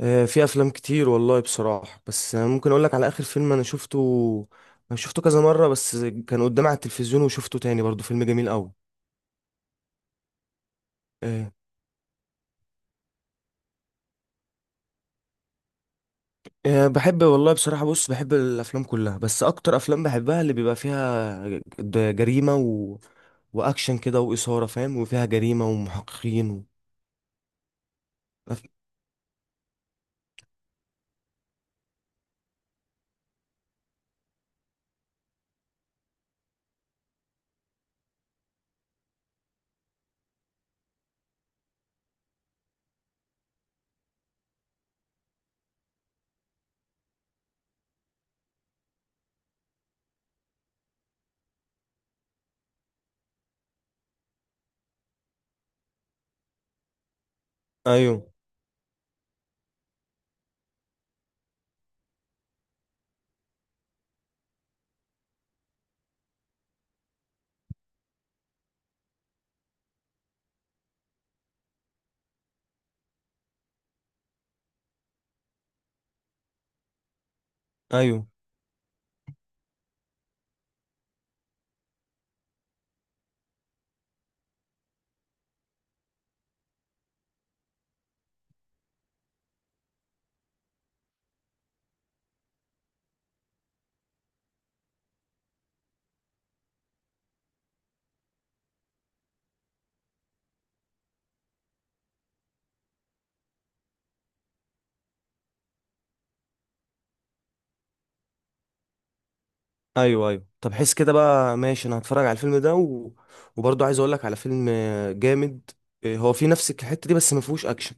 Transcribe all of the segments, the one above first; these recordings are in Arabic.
في افلام كتير والله بصراحه، بس أنا ممكن اقول لك على اخر فيلم انا شفته كذا مره بس. كان قدامي على التلفزيون وشفته تاني برضو، فيلم جميل قوي. آه، بحب والله بصراحه، بص بحب الافلام كلها، بس اكتر افلام بحبها اللي بيبقى فيها جريمه واكشن كده واثاره، فاهم، وفيها جريمه ومحققين. أف- ايوه، ايوه، ايوه، ايوه. طب حس كده بقى، ماشي، انا هتفرج على الفيلم ده. وبرضو عايز اقول لك على فيلم جامد. هو في نفس الحته دي، بس ما فيهوش اكشن.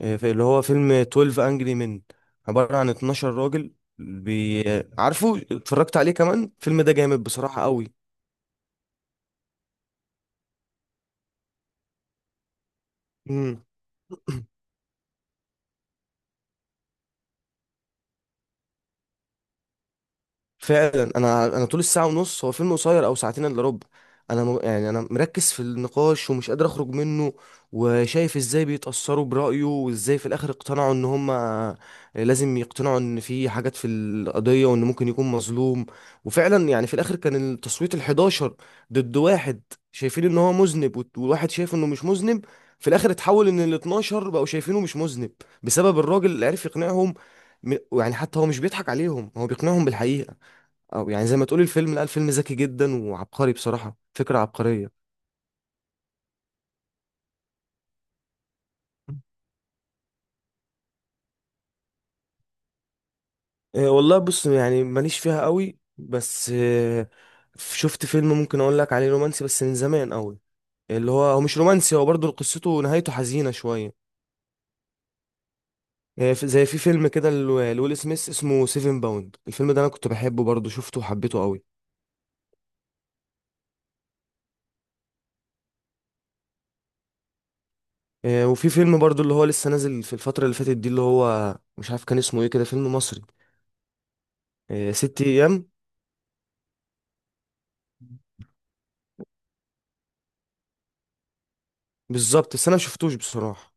اللي هو فيلم 12 انجري من، عبارة عن 12 راجل بي... عارفه، اتفرجت عليه كمان. الفيلم ده جامد بصراحة قوي. فعلا، انا طول الساعه ونص، هو فيلم قصير، او ساعتين الا ربع. يعني انا مركز في النقاش ومش قادر اخرج منه، وشايف ازاي بيتاثروا برايه وازاي في الاخر اقتنعوا ان هم لازم يقتنعوا ان في حاجات في القضيه وان ممكن يكون مظلوم. وفعلا يعني في الاخر كان التصويت ال11 ضد واحد، شايفين ان هو مذنب، وواحد شايف انه مش مذنب. في الاخر اتحول ان ال12 بقوا شايفينه مش مذنب، بسبب الراجل اللي عرف يقنعهم. يعني حتى هو مش بيضحك عليهم، هو بيقنعهم بالحقيقه. او يعني زي ما تقول الفيلم، لا، الفيلم ذكي جدا وعبقري، بصراحة فكرة عبقرية. إيه والله بص، يعني ماليش فيها قوي، بس إيه، شفت فيلم ممكن اقول لك عليه رومانسي بس من زمان قوي. اللي هو، هو مش رومانسي، هو برضه قصته نهايته حزينة شوية. إيه زي في فيلم كده لويل سميث، اسمه سيفن باوند. الفيلم ده انا كنت بحبه برضه، شفته وحبيته قوي. إيه، وفي فيلم برضه اللي هو لسه نازل في الفترة اللي فاتت دي، اللي هو مش عارف كان اسمه ايه، كده فيلم مصري. إيه، ست ايام. بالظبط، بس انا مشفتوش بصراحة.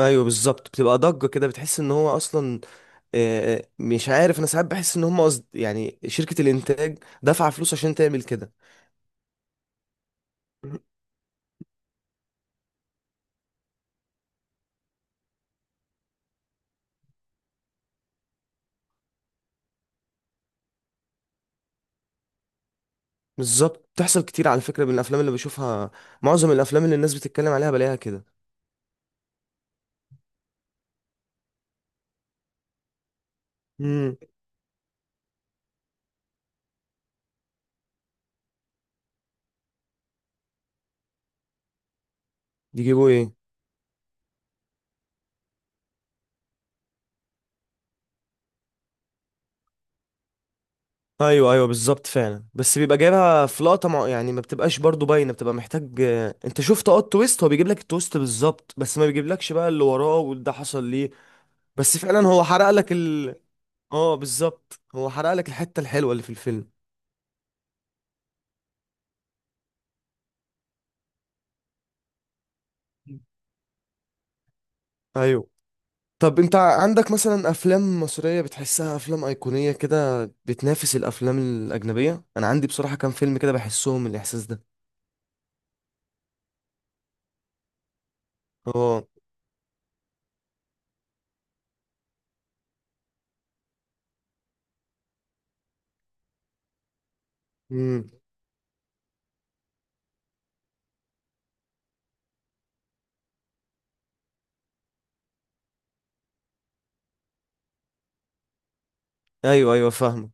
ايوه بالظبط، بتبقى ضجه كده، بتحس ان هو اصلا مش عارف. انا ساعات بحس ان هم قصد، يعني شركه الانتاج دافعه فلوس عشان تعمل كده. بالظبط، بتحصل كتير على فكره من الافلام اللي بشوفها. معظم الافلام اللي الناس بتتكلم عليها بلاقيها كده. امم. يجيبوا ايه؟ ايوه ايوه بالظبط، فعلا. بس بيبقى جايبها في لقطه يعني ما بتبقاش برضو باينه، بتبقى محتاج انت شفت، اه التويست، هو بيجيب لك التويست بالظبط، بس ما بيجيبلكش بقى اللي وراه وده حصل ليه. بس فعلا هو حرق لك. اه بالظبط، هو حرق لك الحتة الحلوة اللي في الفيلم. ايوه. طب انت عندك مثلا افلام مصرية بتحسها افلام ايقونية كده، بتنافس الافلام الاجنبية؟ انا عندي بصراحة كام فيلم كده بحسهم الاحساس ده. اه. امم. ايوه ايوه، فاهمة.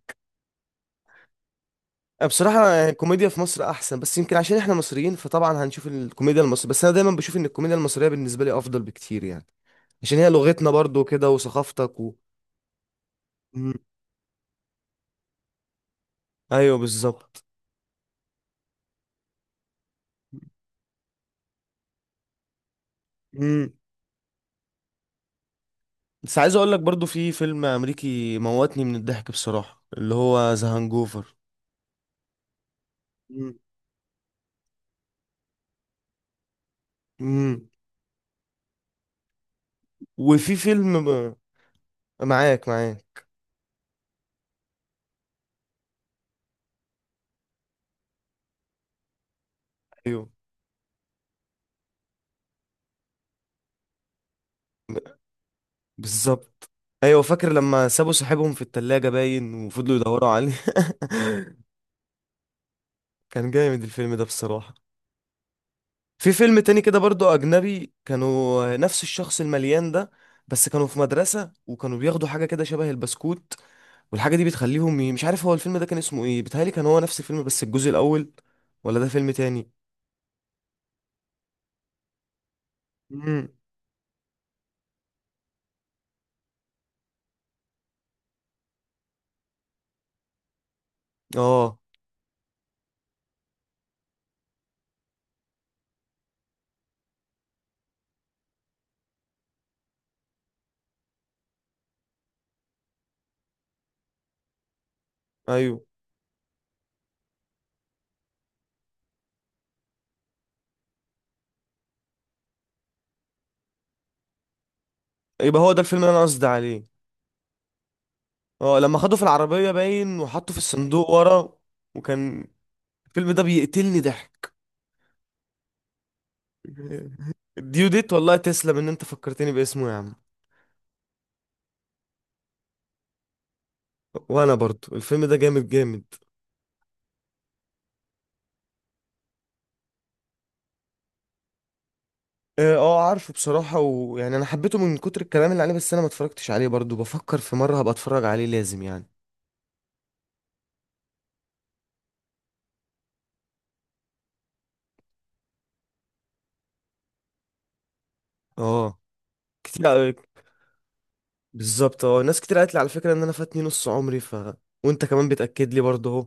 بصراحة يعني الكوميديا في مصر احسن، بس يمكن عشان احنا مصريين، فطبعا هنشوف الكوميديا المصرية، بس انا دايما بشوف ان الكوميديا المصرية بالنسبة لي افضل بكتير يعني. عشان هي لغتنا برضو كده وثقافتك. مم. ايوه بالظبط. مم. بس عايز اقول لك برضو في فيلم امريكي موتني من الضحك بصراحة، اللي هو ذا هانجوفر. مم. امم. وفي فيلم. معاك معاك. ايوه بالظبط. ايوه، فاكر لما سابوا صاحبهم في التلاجة باين وفضلوا يدوروا عليه. كان جامد الفيلم ده بصراحة. في فيلم تاني كده برضو أجنبي، كانوا نفس الشخص المليان ده، بس كانوا في مدرسة وكانوا بياخدوا حاجة كده شبه البسكوت، والحاجة دي بتخليهم مش عارف. هو الفيلم ده كان اسمه ايه؟ بيتهيألي كان هو نفس الفيلم بس الجزء الأول، ولا ده فيلم تاني؟ امم. اه ايوه يبقى هو ده الفيلم اللي انا قصدي عليه. اه، لما خدوه في العربية باين وحطه في الصندوق ورا. وكان الفيلم ده بيقتلني ضحك. ديوديت والله، تسلم ان انت فكرتني باسمه يا عم. وانا برضو الفيلم ده جامد جامد. اه عارفه بصراحة، ويعني انا حبيته من كتر الكلام اللي عليه، بس انا ما اتفرجتش عليه برضو، بفكر في مرة هبقى اتفرج عليه لازم يعني. اه كتير قوي. بالظبط، اه ناس كتير قالت لي على فكرة ان انا فاتني نص عمري، ف وانت كمان بتأكد لي برضو اهو.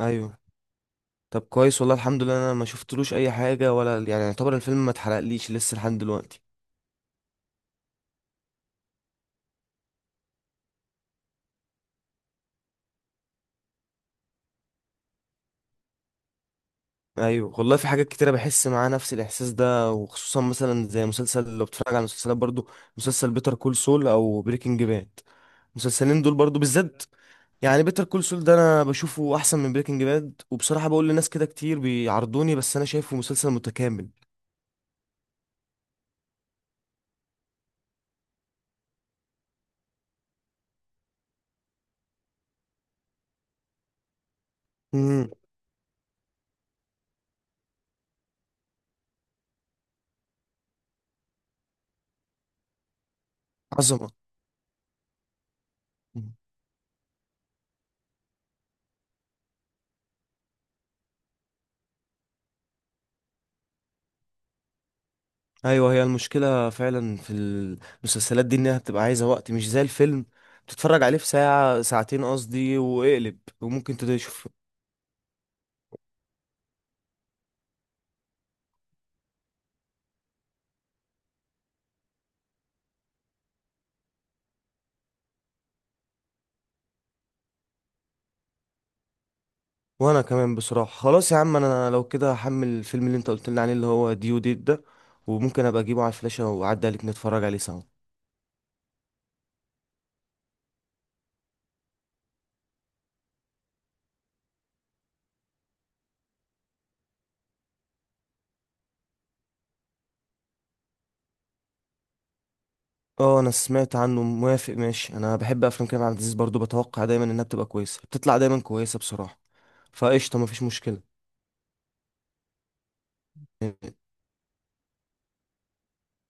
ايوه. طب كويس والله الحمد لله، انا ما شفتلوش اي حاجة ولا يعني، يعتبر الفيلم ما اتحرقليش لسه لحد دلوقتي. ايوه والله، في حاجات كتيرة بحس معاه نفس الاحساس ده، وخصوصا مثلا زي مسلسل، لو بتتفرج على مسلسلات برضو، مسلسل بيتر كول سول او بريكنج باد، المسلسلين دول برضو بالذات. يعني بيتر كول سول ده انا بشوفه احسن من بريكنج باد، وبصراحه بقول لناس كده كتير بيعرضوني، بس انا شايفه مسلسل متكامل. امم. عظمه. مم. ايوه هي المشكله فعلا في المسلسلات دي، انها بتبقى عايزه وقت مش زي الفيلم تتفرج عليه في ساعه ساعتين قصدي واقلب، وممكن تشوف. وانا كمان بصراحه، خلاص يا عم انا لو كده هحمل الفيلم اللي انت قلت لي عليه اللي هو ديو ديت ده، وممكن ابقى اجيبه على الفلاشه واعدي عليك نتفرج عليه سوا. اه انا سمعت عنه، موافق، ماشي. انا بحب افلام كريم عبد العزيز برضو، بتوقع دايما انها بتبقى كويسه، بتطلع دايما كويسه بصراحه. فقشطه، مفيش مشكله.